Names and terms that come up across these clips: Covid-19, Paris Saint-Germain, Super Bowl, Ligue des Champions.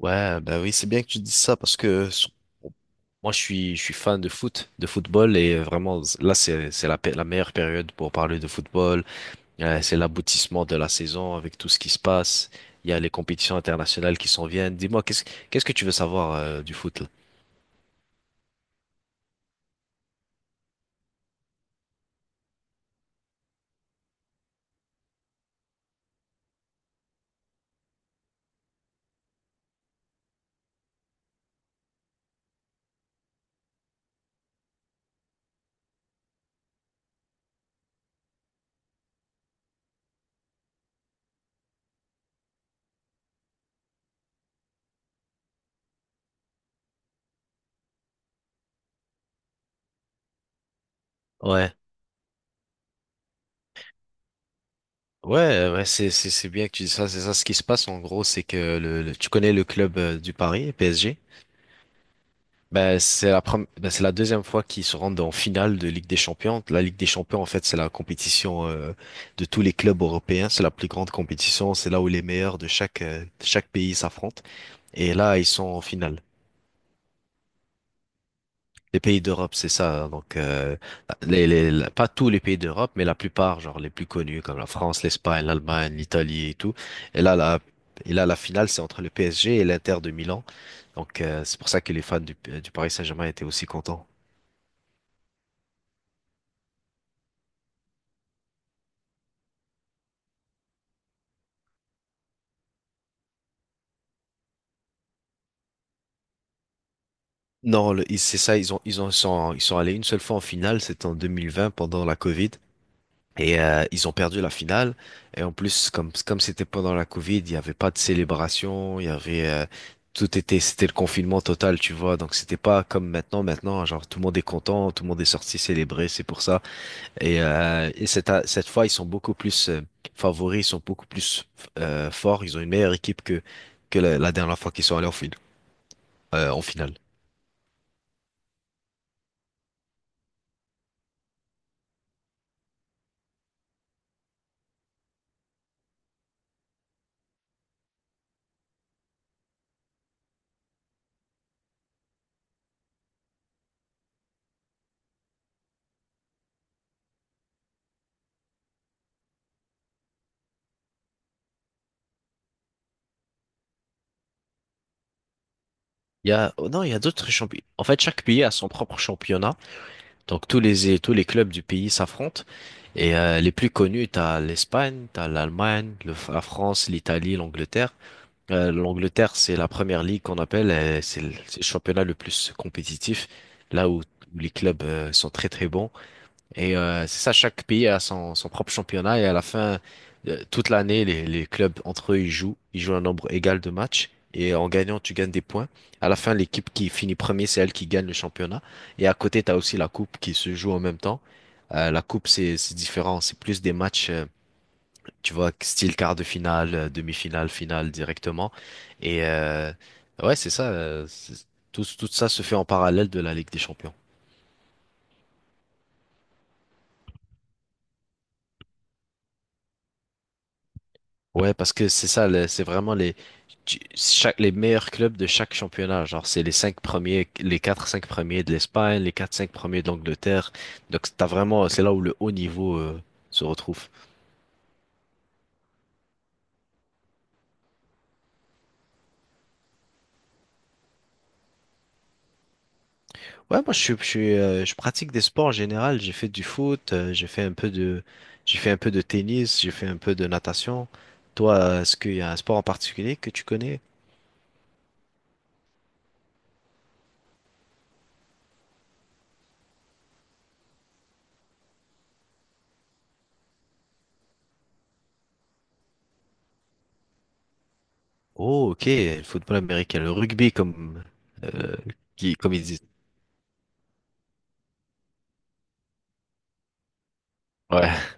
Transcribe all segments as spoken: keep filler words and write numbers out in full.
Ouais, bah oui, c'est bien que tu dises ça parce que sur- moi je suis je suis fan de foot, de football et euh, vraiment z- là c'est c'est la pe- la meilleure période pour parler de football. Euh, c'est l'aboutissement de la saison avec tout ce qui se passe. Il y a les compétitions internationales qui s'en viennent. Dis-moi qu'est-ce qu'est-ce que tu veux savoir euh, du foot là? Ouais. Ouais, ouais, c'est c'est c'est bien que tu dises ça, c'est ça ce qui se passe en gros, c'est que le, le- tu connais le club euh, du Paris, P S G? Ben, c'est la prom- ben, c'est la deuxième fois qu'ils se rendent en finale de Ligue des Champions. La Ligue des Champions, en fait, c'est la compétition euh, de tous les clubs européens. C'est la plus grande compétition. C'est là où les meilleurs de chaque euh, de chaque pays s'affrontent. Et là, ils sont en finale. Les pays d'Europe, c'est ça. Donc, euh, les, les- la- pas tous les pays d'Europe, mais la plupart, genre les plus connus, comme la France, l'Espagne, l'Allemagne, l'Italie et tout. Et là, la, et là, la finale, c'est entre le P S G et l'Inter de Milan. Donc, euh, c'est pour ça que les fans du, du Paris Saint-Germain étaient aussi contents. Non, le- ils- c'est ça, ils ont, ils ont, ils sont, ils sont allés une seule fois en finale, c'était en deux mille vingt pendant la Covid, et euh, ils ont perdu la finale. Et en plus, comme, comme c'était pendant la Covid, il n'y avait pas de célébration, il y avait, euh, tout était, c'était le confinement total, tu vois. Donc c'était pas comme maintenant, maintenant, hein, genre tout le monde est content, tout le monde est sorti célébrer, c'est pour ça. Et, euh, et cette, cette fois, ils sont beaucoup plus euh, favoris, ils sont beaucoup plus euh, forts, ils ont une meilleure équipe que, que la, la dernière fois qu'ils sont allés en, fin- euh, en finale. Il y a, oh non, il y a d'autres championnats. En fait, chaque pays a son propre championnat. Donc, tous les, tous les clubs du pays s'affrontent. Et euh, les plus connus, t'as l'Espagne, t'as l'Allemagne, le- la France, l'Italie, l'Angleterre. Euh, L'Angleterre, c'est la première ligue qu'on appelle. euh, C'est le, c'est le championnat le plus compétitif, là où, où les clubs euh, sont très très bons. Et euh, c'est ça, chaque pays a son, son propre championnat et à la fin, euh, toute l'année, les, les clubs entre eux, ils jouent. Ils jouent un nombre égal de matchs et en gagnant, tu gagnes des points. À la fin, l'équipe qui finit premier, c'est elle qui gagne le championnat. Et à côté, tu as aussi la coupe qui se joue en même temps. Euh, la coupe, c'est c'est différent. C'est plus des matchs, euh, tu vois, style quart de finale, euh, demi-finale, finale directement. Et euh, ouais, c'est ça. euh, c'est- tout, tout ça se fait en parallèle de la Ligue des Champions. Ouais, parce que c'est ça, le- c'est vraiment les, tu- chaque, les meilleurs clubs de chaque championnat. Genre, c'est les cinq premiers, les quatre, cinq premiers de l'Espagne, les quatre, cinq premiers de l'Angleterre. Donc, t'as vraiment, c'est là où le haut niveau, euh, se retrouve. Ouais, moi, je suis, je suis, euh, je pratique des sports en général. J'ai fait du foot, euh, j'ai fait un peu de, j'ai fait un peu de tennis, j'ai fait un peu de natation. Toi, euh, est-ce qu'il y a un sport en particulier que tu connais? Oh, ok, le football américain, le rugby, comme, euh, qui, comme ils disent. Ouais.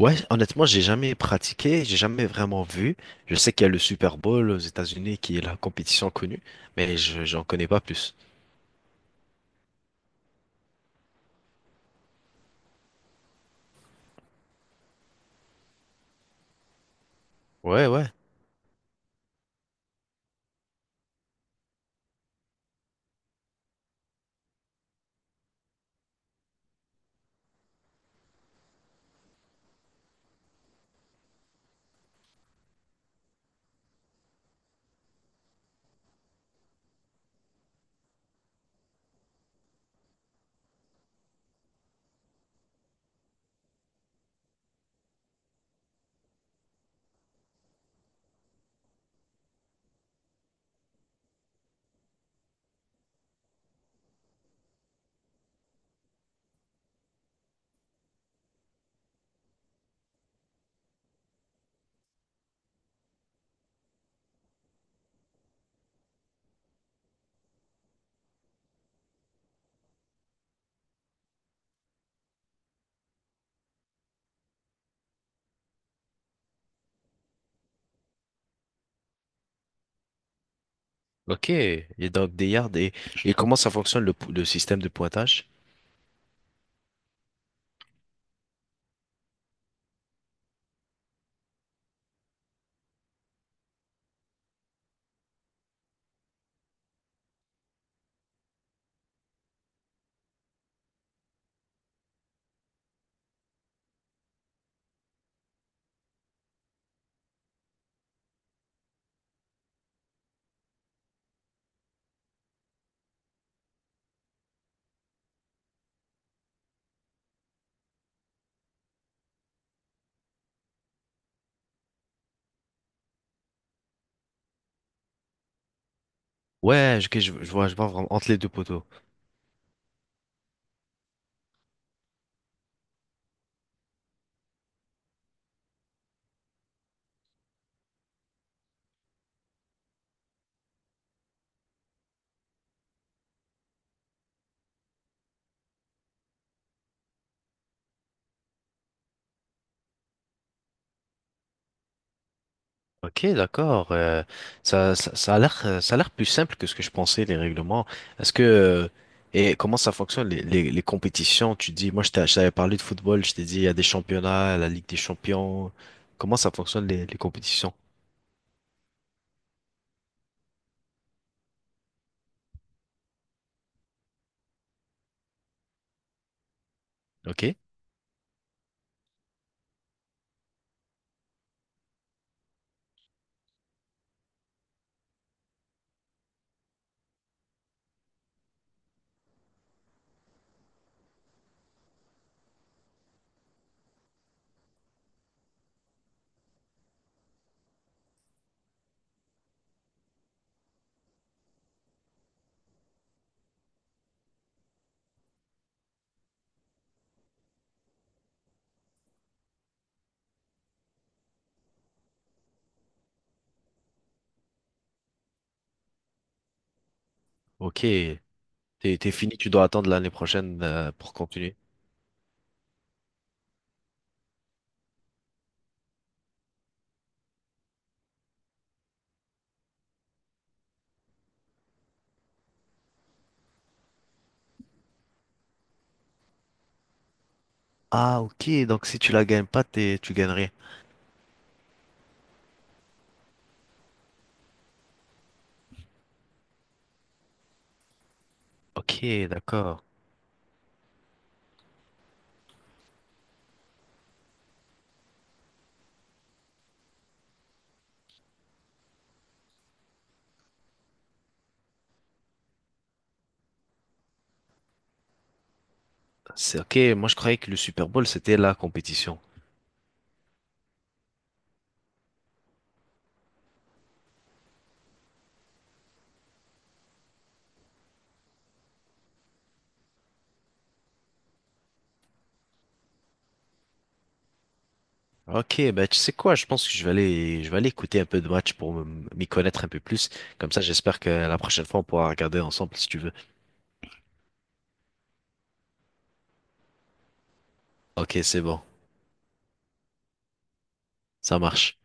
Ouais, honnêtement, j'ai jamais pratiqué, j'ai jamais vraiment vu. Je sais qu'il y a le Super Bowl aux États-Unis qui est la compétition connue, mais je j'en connais pas plus. Ouais, ouais. Ok. Et donc des yards et, et comment ça fonctionne le, p- le système de pointage? Ouais, ok, je, je vois, je vois vraiment entre les deux poteaux. Ok, d'accord. Euh, ça, ça, ça a l'air, euh, ça a l'air plus simple que ce que je pensais, les règlements. Est-ce que, euh, et comment ça fonctionne, les, les, les compétitions? Tu dis, moi, je t'a- je t'avais parlé de football, je t'ai dit, il y a des championnats, la Ligue des champions. Comment ça fonctionne, les, les compétitions? Ok, ok. T'es, t'es fini, tu dois attendre l'année prochaine, euh, pour continuer. Ah, ok. Donc, si tu la gagnes pas, t'es, tu gagnes rien. Ok, d'accord. C'est ok. Moi, je croyais que le Super Bowl, c'était la compétition. Ok, bah tu sais quoi, je pense que je vais aller, je vais aller écouter un peu de match pour m- m'y connaître un peu plus. Comme ça, j'espère que la prochaine fois, on pourra regarder ensemble si tu veux. Ok, c'est bon, ça marche.